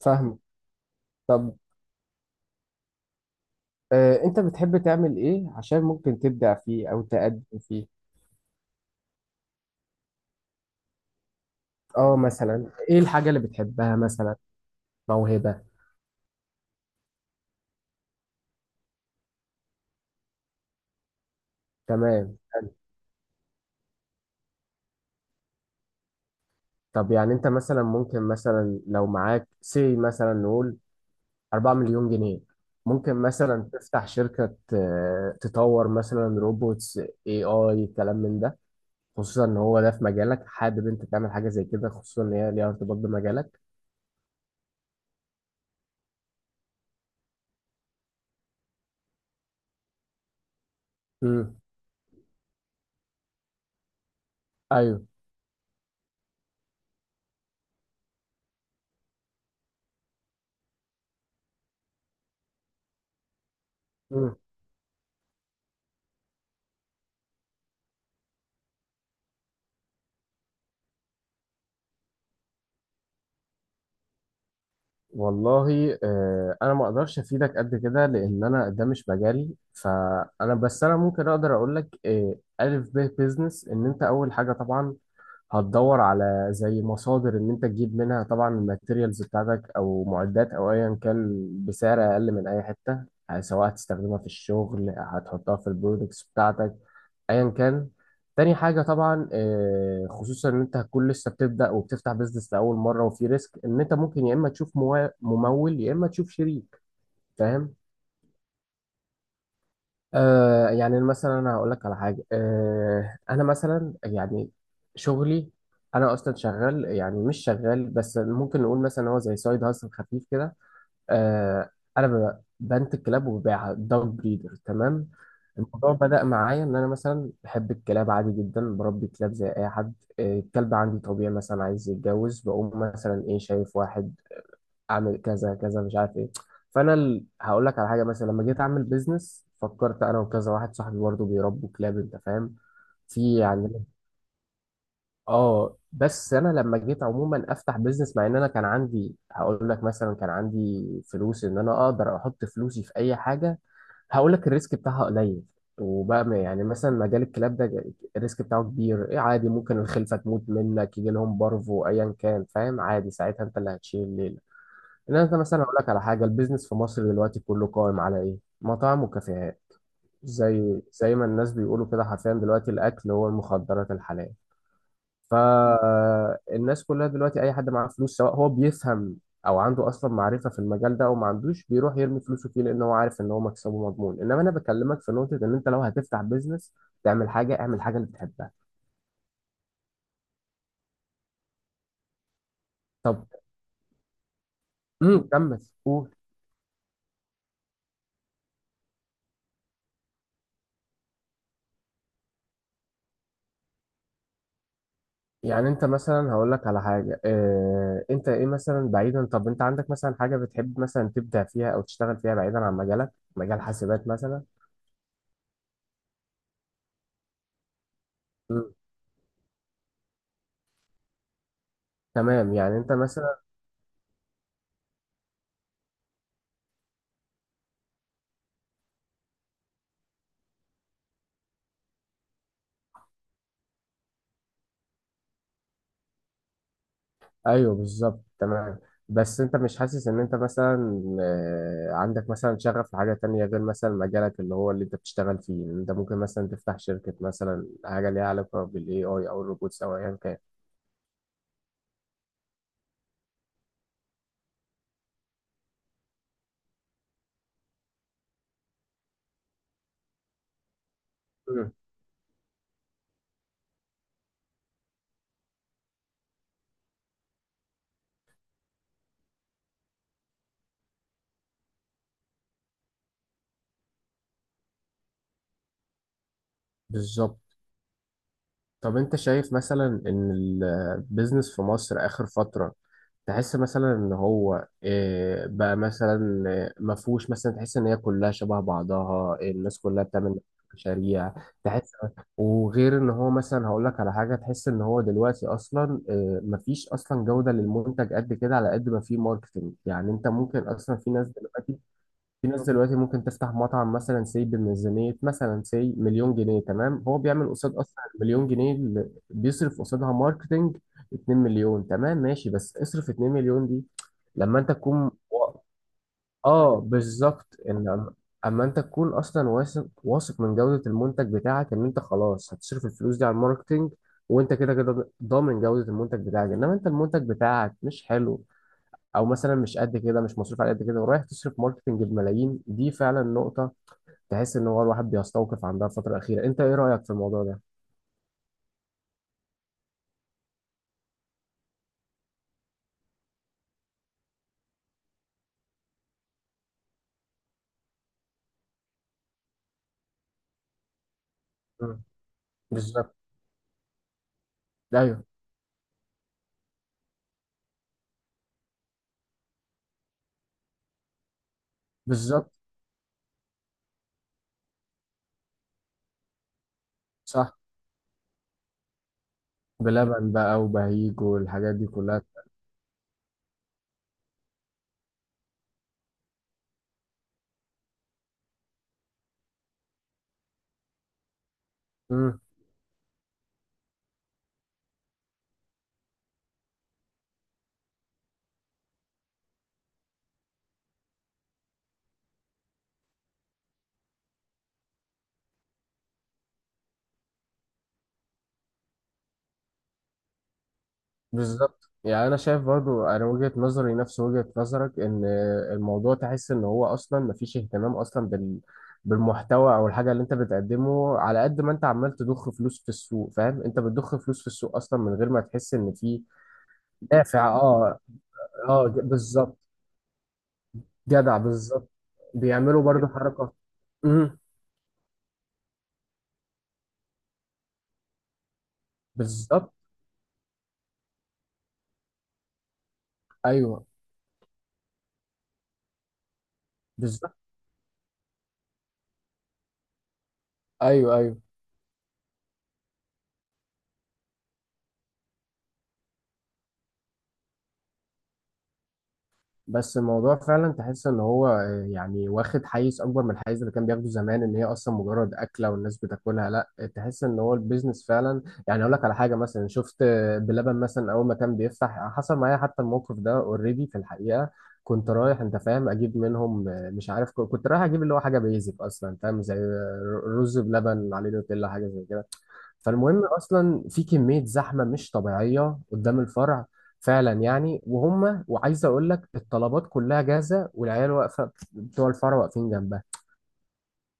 فاهمه. طب انت بتحب تعمل ايه عشان ممكن تبدع فيه او تقدم فيه؟ اه مثلا ايه الحاجة اللي بتحبها مثلا؟ موهبة. تمام، حلو. طب يعني انت مثلا ممكن، مثلا لو معاك سي مثلا، نقول 4 مليون جنيه، ممكن مثلا تفتح شركة، تطور مثلا روبوتس، اي كلام من ده، خصوصا ان هو ده في مجالك، حابب انت تعمل حاجة زي كده، خصوصا ان هي ليها ارتباط بمجالك. امم. ايوه. مم. والله انا ما اقدرش افيدك قد كده لان انا ده مش مجالي، فانا بس انا ممكن اقدر اقول لك الف ب بيزنس. ان انت اول حاجه طبعا هتدور على زي مصادر ان انت تجيب منها طبعا الماتيريالز بتاعتك او معدات او ايا كان بسعر اقل من اي حته، سواء هتستخدمها في الشغل هتحطها في البرودكتس بتاعتك، ايا كان. تاني حاجه طبعا، خصوصا ان انت هتكون لسه بتبدا وبتفتح بيزنس لاول مره، وفي ريسك، ان انت ممكن يا اما تشوف ممول، يا اما تشوف شريك، فاهم؟ يعني مثلا انا هقول لك على حاجه، انا مثلا يعني شغلي، انا اصلا شغال، يعني مش شغال بس ممكن نقول مثلا هو زي سايد هاسل خفيف كده. آه، انا بنت كلاب وببيعها، دوج بريدر، تمام. الموضوع بدأ معايا ان انا مثلا بحب الكلاب عادي جدا، بربي كلاب زي اي حد، الكلب عندي طبيعي مثلا عايز يتجوز، بقوم مثلا ايه، شايف واحد اعمل كذا كذا مش عارف ايه. فانا هقول لك على حاجه، مثلا لما جيت اعمل بيزنس فكرت انا وكذا واحد صاحبي برضه بيربوا كلاب، انت فاهم، في عندنا. اه بس انا لما جيت عموما افتح بيزنس، مع ان انا كان عندي، هقول لك مثلا، كان عندي فلوس ان انا اقدر احط فلوسي في اي حاجه هقول لك الريسك بتاعها قليل، وبقى يعني مثلا مجال الكلاب ده الريسك بتاعه كبير. إيه عادي، ممكن الخلفه تموت منك، يجي لهم بارفو، ايا كان، فاهم؟ عادي، ساعتها انت اللي هتشيل الليله. ان انت مثلا، اقول لك على حاجه، البيزنس في مصر دلوقتي كله قائم على ايه؟ مطاعم وكافيهات. زي ما الناس بيقولوا كده حرفيا، دلوقتي الاكل هو المخدرات الحلال. فالناس كلها دلوقتي، اي حد معاه فلوس، سواء هو بيفهم او عنده اصلا معرفه في المجال ده او ما عندوش، بيروح يرمي فلوسه فيه لان هو عارف ان هو مكسبه مضمون. انما انا بكلمك في نقطه، ان انت لو هتفتح بيزنس تعمل حاجه، اعمل حاجه اللي بتحبها. طب. كمل قول. يعني انت مثلا، هقول لك على حاجه، انت ايه مثلا، بعيدا، طب انت عندك مثلا حاجه بتحب مثلا تبدع فيها او تشتغل فيها بعيدا عن مجالك، مجال حاسبات مثلا؟ امم. تمام. يعني انت مثلا، ايوه بالظبط، تمام. بس انت مش حاسس ان انت مثلا، عندك مثلا شغف لحاجة تانية غير مثلا مجالك اللي هو اللي انت بتشتغل فيه، إن انت ممكن مثلا تفتح شركة مثلا حاجة ليها علاقة بالاي اي او الروبوتس او ايا كان؟ مم. بالظبط. طب انت شايف مثلا ان البيزنس في مصر اخر فترة، تحس مثلا ان هو، بقى مثلا، مفهوش، مثلا تحس ان هي كلها شبه بعضها، الناس كلها بتعمل نفس المشاريع، تحس؟ وغير ان هو مثلا، هقول لك على حاجة، تحس ان هو دلوقتي اصلا، مفيش اصلا جودة للمنتج قد كده على قد ما فيه ماركتنج. يعني انت ممكن اصلا، في ناس دلوقتي، في ناس دلوقتي ممكن تفتح مطعم مثلا سي بميزانية مثلا سي مليون جنيه، تمام، هو بيعمل قصاد أصلا مليون جنيه اللي بيصرف قصادها ماركتينج 2 مليون. تمام، ماشي، بس اصرف 2 مليون دي لما أنت تكون، آه بالظبط، إن أما أنت تكون أصلا واثق واثق من جودة المنتج بتاعك، إن أنت خلاص هتصرف الفلوس دي على الماركتينج وأنت كده كده ضامن جودة المنتج بتاعك. إنما أنت المنتج بتاعك مش حلو او مثلا مش قد كده، مش مصروف على قد كده، ورايح تصرف ماركتنج بملايين، دي فعلا نقطة تحس ان هو الواحد بيستوقف عندها الفترة الأخيرة. انت ايه رأيك في الموضوع ده؟ مم. بالظبط. ايوه بالظبط. صح. بلبن بقى وبهيج والحاجات دي كلها. امم. بالظبط. يعني انا شايف برضو، انا وجهة نظري نفس وجهة نظرك، ان الموضوع تحس ان هو اصلا مفيش اهتمام اصلا بالمحتوى او الحاجه اللي انت بتقدمه، على قد ما انت عمال تضخ فلوس في السوق، فاهم؟ انت بتضخ فلوس في السوق اصلا من غير ما تحس ان في دافع. اه اه، بالظبط. جدع، بالظبط. بيعملوا برضو حركة. امم، بالظبط. ايوه بالظبط. ايوه ايوه. بس الموضوع فعلا تحس ان هو، يعني واخد حيز اكبر من الحيز اللي كان بياخده زمان، ان هي اصلا مجرد اكله والناس بتاكلها، لا، تحس ان هو البيزنس فعلا. يعني اقول لك على حاجه، مثلا شفت بلبن مثلا اول ما كان بيفتح، حصل معايا حتى الموقف ده اوريدي في الحقيقه. كنت رايح، انت فاهم، اجيب منهم، مش عارف، كنت رايح اجيب اللي هو حاجه بيزك اصلا، فاهم، زي رز بلبن عليه نوتيلا حاجه زي كده. فالمهم اصلا في كميه زحمه مش طبيعيه قدام الفرع فعلا يعني، وهم، وعايز اقول لك الطلبات كلها جاهزه والعيال واقفه بتوع الفرع واقفين جنبها.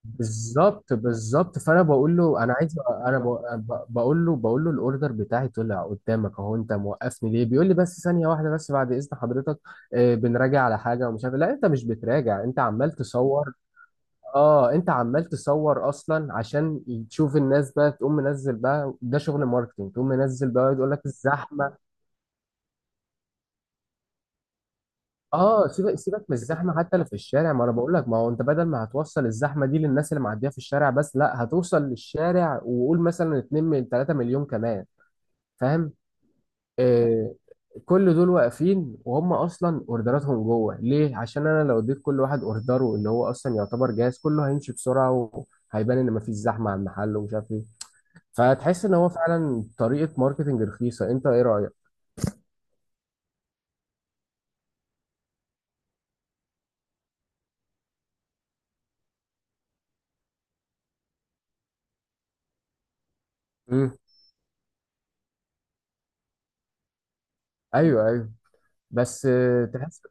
بالظبط، بالظبط. فانا بقول له انا عايز، انا بقول له الاوردر بتاعي طلع قدامك اهو، انت موقفني ليه؟ بيقول لي بس ثانيه واحده، بس بعد اذن حضرتك، بنراجع على حاجه ومش عارف إيه. لا انت مش بتراجع، انت عمال تصور. اه انت عمال تصور اصلا عشان تشوف الناس بقى تقوم منزل، بقى ده شغل ماركتينج، تقوم منزل بقى يقول لك الزحمه. اه، سيبك سيبك من الزحمه، حتى لو في الشارع، ما انا بقول لك، ما هو انت بدل ما هتوصل الزحمه دي للناس اللي معديه في الشارع بس، لا هتوصل للشارع وقول مثلا 2 من 3 مليون كمان، فاهم؟ آه، كل دول واقفين وهم اصلا اوردراتهم جوه، ليه؟ عشان انا لو اديت كل واحد اوردره اللي هو اصلا يعتبر جاهز، كله هيمشي بسرعه وهيبان ان مفيش زحمه على المحل ومش عارف إيه. فتحس ان هو فعلا طريقه ماركتنج رخيصه. انت ايه رايك؟ امم. ايوه ايوه. بس تحس.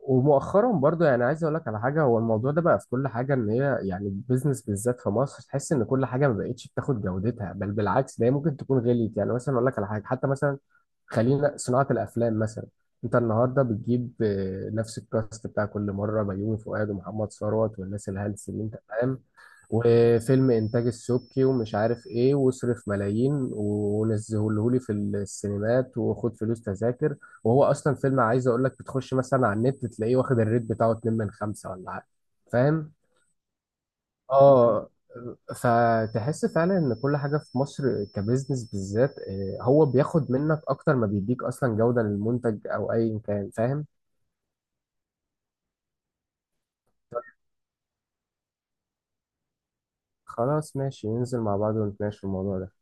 ومؤخرا برضو، يعني عايز اقول لك على حاجه، هو الموضوع ده بقى في كل حاجه، ان هي يعني البيزنس بالذات في مصر، تحس ان كل حاجه ما بقتش بتاخد جودتها، بل بالعكس ده هي ممكن تكون غليت. يعني مثلا اقول لك على حاجه، حتى مثلا خلينا صناعة الأفلام مثلا، أنت النهاردة بتجيب نفس الكاست بتاع كل مرة، بيومي فؤاد ومحمد ثروت والناس الهلس دي، أنت فاهم، وفيلم إنتاج السبكي ومش عارف إيه، واصرف ملايين ونزهولهولي في السينمات وخد فلوس تذاكر، وهو أصلا فيلم عايز أقول لك، بتخش مثلا على النت تلاقيه واخد الريت بتاعه 2 من 5 ولا حاجة، فاهم؟ اه. فتحس فعلا ان كل حاجه في مصر كبزنس بالذات، هو بياخد منك اكتر ما بيديك اصلا جوده للمنتج او ايا كان، فاهم؟ خلاص ماشي، ننزل مع بعض ونتناقش في الموضوع ده.